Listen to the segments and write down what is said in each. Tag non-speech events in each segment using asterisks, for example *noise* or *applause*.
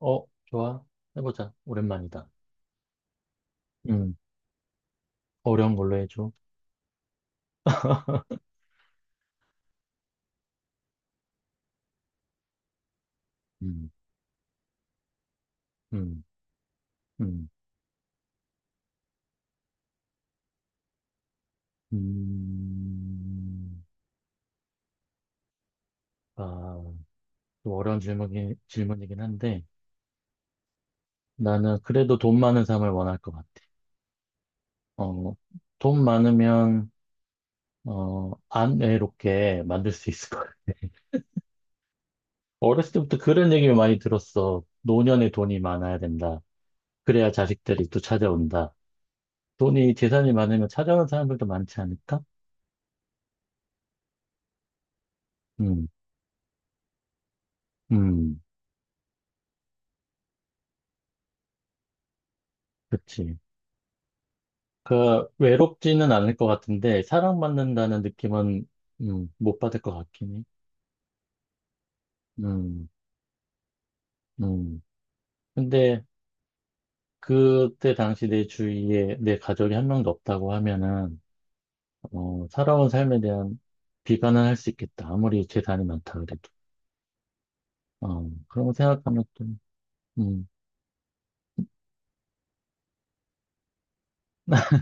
어, 좋아. 해보자. 오랜만이다. 음, 어려운 걸로 해줘. *laughs* 음, 음, 음, 음. 아, 좀 어려운 질문이긴 한데, 나는 그래도 돈 많은 삶을 원할 것 같아. 어, 돈 많으면, 안 외롭게 만들 수 있을 것 같아. 어렸을 때부터 그런 얘기를 많이 들었어. 노년에 돈이 많아야 된다. 그래야 자식들이 또 찾아온다. 재산이 많으면 찾아오는 사람들도 많지 않을까? 음, 음. 그치. 외롭지는 않을 것 같은데, 사랑받는다는 느낌은, 못 받을 것 같긴 해. 음, 음. 근데, 그때 당시 내 주위에 내 가족이 한 명도 없다고 하면은, 살아온 삶에 대한 비관은 할 수 있겠다. 아무리 재산이 많다 그래도. 그런 거 생각하면 좀, 음, *laughs*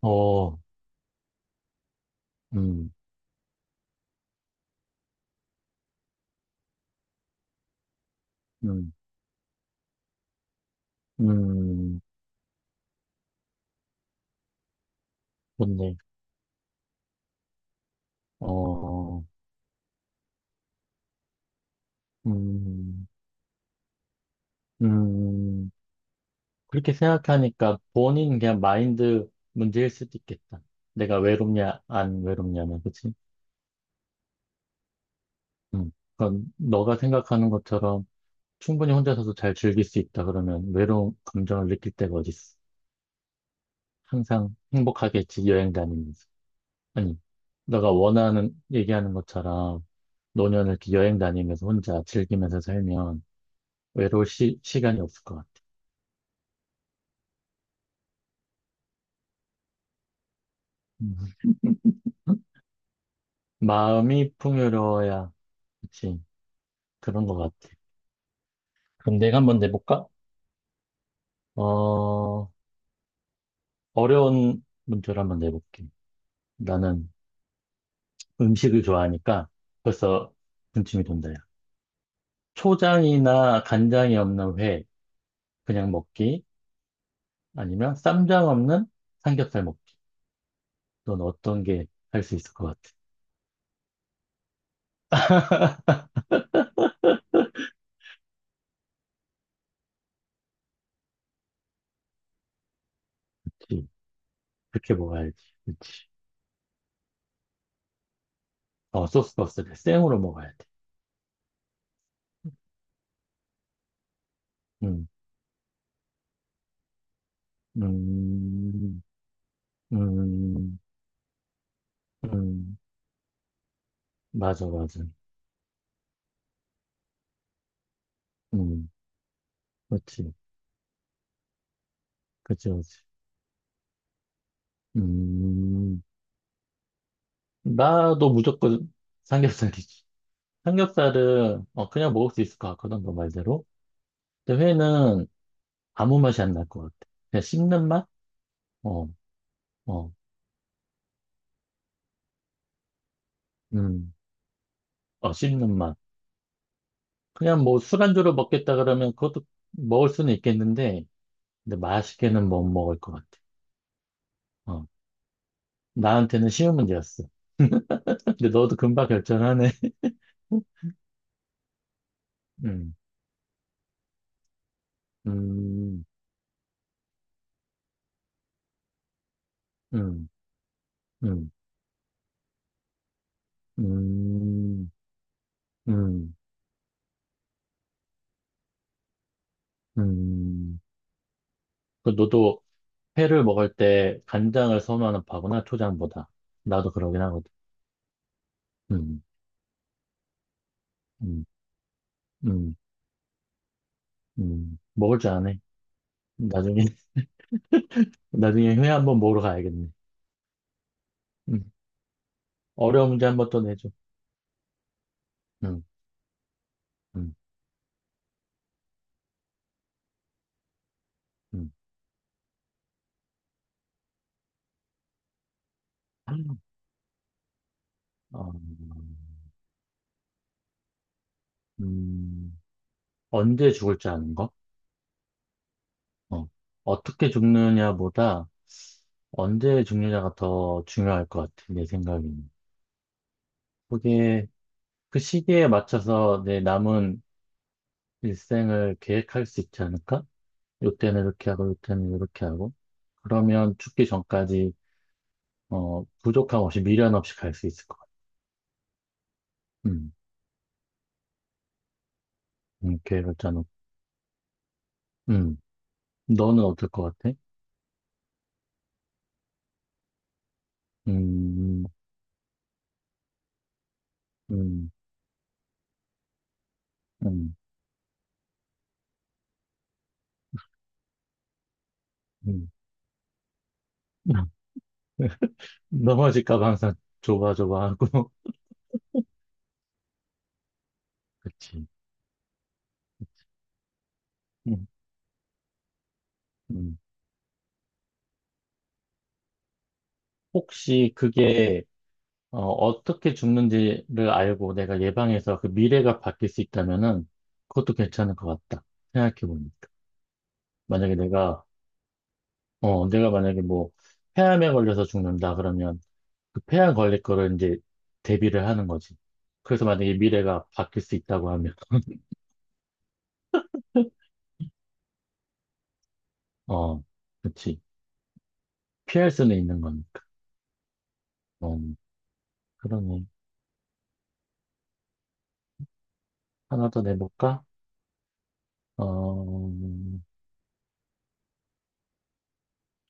어, 음, 음, 음, 좋네. 어, 음, 음. 그렇게 생각하니까 본인 그냥 마인드 문제일 수도 있겠다. 내가 외롭냐, 안 외롭냐는, 그치? 음. 그건 너가 생각하는 것처럼 충분히 혼자서도 잘 즐길 수 있다 그러면 외로운 감정을 느낄 때가 어딨어. 항상 행복하겠지, 여행 다니면서. 아니, 얘기하는 것처럼 노년을 이렇게 여행 다니면서 혼자 즐기면서 살면 외로울 시간이 없을 것 같아. 음. 마음이 풍요로워야, 그치? 그런 것 같아. 그럼 내가 한번 내볼까? 어, 어려운 문제를 한번 내볼게. 나는 음식을 좋아하니까 벌써 군침이 돈다. 야. 초장이나 간장이 없는 회 그냥 먹기 아니면 쌈장 없는 삼겹살 먹기. 넌 어떤 게 할 수 있을 것 같아? *laughs* 그치. 그렇게 먹어야지. 그치. 어, 소스가 없을 때 생으로 먹어야 돼. 음, 음, 음, 음, 맞아, 맞아. 음, 그렇지. 그치, 그치. 그치. 음. 나도 무조건 삼겹살이지. 삼겹살은 어, 그냥 먹을 수 있을 것 같거든, 너 말대로. 근데 회는 아무 맛이 안 날 것 같아. 그냥 씹는 맛? 어, 어, 음, 어, 씹는 맛. 그냥 뭐 술안주로 먹겠다 그러면 그것도 먹을 수는 있겠는데, 근데 맛있게는 못 먹을 것 같아. 어, 나한테는 쉬운 문제였어. *laughs* 근데 너도 금방 결정하네. *laughs* 음, 음, 음, 음, 음, 음, 음. 그 너도 회를 먹을 때 간장을 선호하는 파구나, 초장보다. 나도 그러긴 하거든. 음, 음, 음, 먹을 줄 아네. 나중에, *laughs* 나중에 회 한번 먹으러 가야겠네. 음. 어려운 문제 한번 또 내줘. 음, 음, 음. 어, 음, 언제 죽을 줄 아는 거? 어. 어떻게 죽느냐보다 언제 죽느냐가 더 중요할 것 같아, 내 생각에는. 그게 그 시기에 맞춰서 내 남은 일생을 계획할 수 있지 않을까? 요때는 이렇게 하고 요때는 이렇게 하고 그러면 죽기 전까지 어 부족함 없이 미련 없이 갈 수 있을 것 같아. 음, 계획을 짜놓고. 음, 너는 어떨 것 같아? 음, 음, 음, 음. *laughs* 넘어질까 봐 항상 조바조바하고. *laughs* 그치. 음, 음. 혹시 그게 어떻게 죽는지를 알고 내가 예방해서 그 미래가 바뀔 수 있다면은 그것도 괜찮을 것 같다. 생각해보니까. 만약에 내가 내가 만약에 뭐 폐암에 걸려서 죽는다 그러면 그 폐암 걸릴 거를 이제 대비를 하는 거지. 그래서 만약에 미래가 바뀔 수 있다고 하면 *laughs* 어, 그렇지. 피할 수는 있는 거니까. 어, 그러네. 하나 더 내볼까? 어,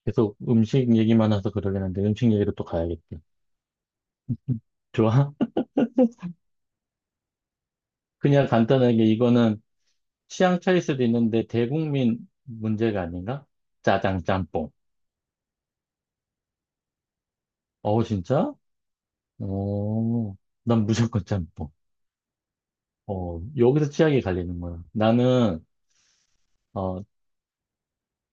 계속 음식 얘기만 해서 그러긴 한데 음식 얘기로 또 가야겠다. *laughs* 좋아? *laughs* 그냥 간단하게 이거는 취향 차일 수도 있는데 대국민 문제가 아닌가? 짜장 짬뽕. 어우, 진짜? 오, 난 무조건 짬뽕. 어, 여기서 취향이 갈리는 거야. 어,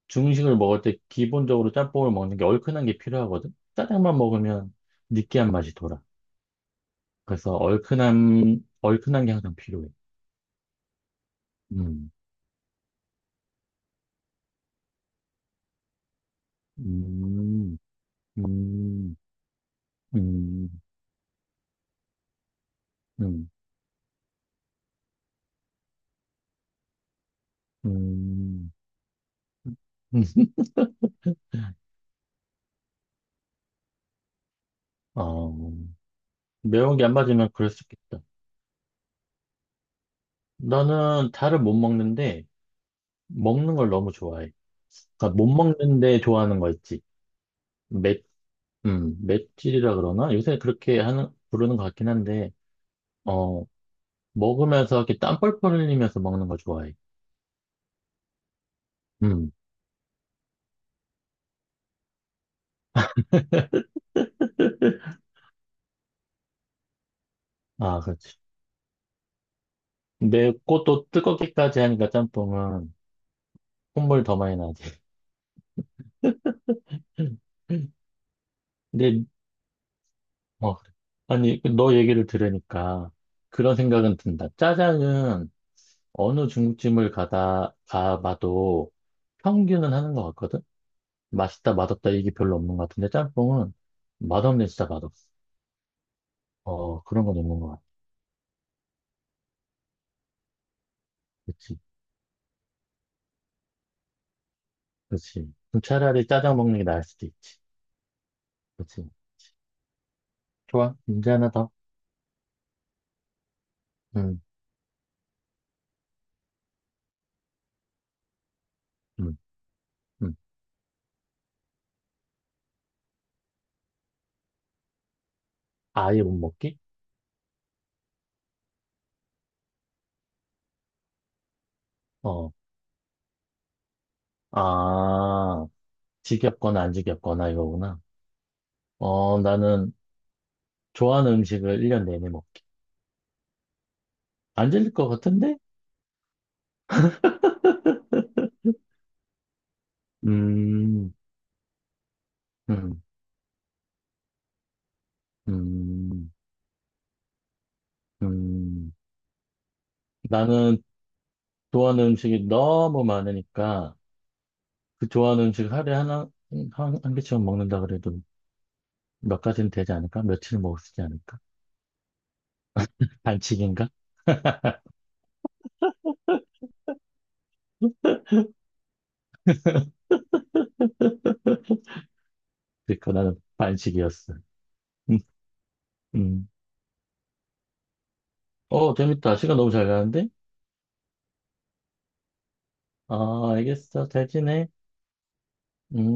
중식을 먹을 때 기본적으로 짬뽕을 먹는 게 얼큰한 게 필요하거든? 짜장만 먹으면 느끼한 맛이 돌아. 그래서 얼큰한 게 항상 필요해. 음, 음, 음, 음, 음, 음. *laughs* 어, 매운 게 안 맞으면 그럴 수 있겠다. 나는 달을 못 먹는데, 먹는 걸 너무 좋아해. 그러니까 못 먹는데 좋아하는 거 있지. 맷질이라 그러나? 부르는 것 같긴 한데, 어, 먹으면서 이렇게 땀 뻘뻘 흘리면서 먹는 거 좋아해. 음, 아, 그렇지. 맵고 또 뜨겁기까지 하니까 짬뽕은 콧물 더 많이 나지. *laughs* 근데, 그래. 아니, 그 너 얘기를 들으니까 그런 생각은 든다. 짜장은 어느 가봐도 평균은 하는 것 같거든? 맛있다, 맛없다, 이게 별로 없는 것 같은데, 짬뽕은 맛없네, 진짜 맛없어. 어, 그런 건 있는 것 같아. 그치, 그치. 그럼 차라리 짜장 먹는 게 나을 수도 있지. 그치. 좋아. 문제 하나 더. 응, 응, 응. 아예 못 먹기? 어, 아, 지겹거나 안 지겹거나 이거구나. 어, 나는 좋아하는 음식을 1년 내내 먹기. 안 질릴 것 같은데? 음, 음, 음, 음. 나는 좋아하는 음식이 너무 많으니까 그 좋아하는 음식 하루에 한 개쯤 먹는다 그래도 몇 가지는 되지 않을까? 며칠 먹을 수 있지 않을까? 반칙인가? *laughs* *laughs* 그니까 나는 반칙이었어. 음, 음. 어, 재밌다. 시간 너무 잘 가는데? 아, 알겠어. 잘 지내. 음.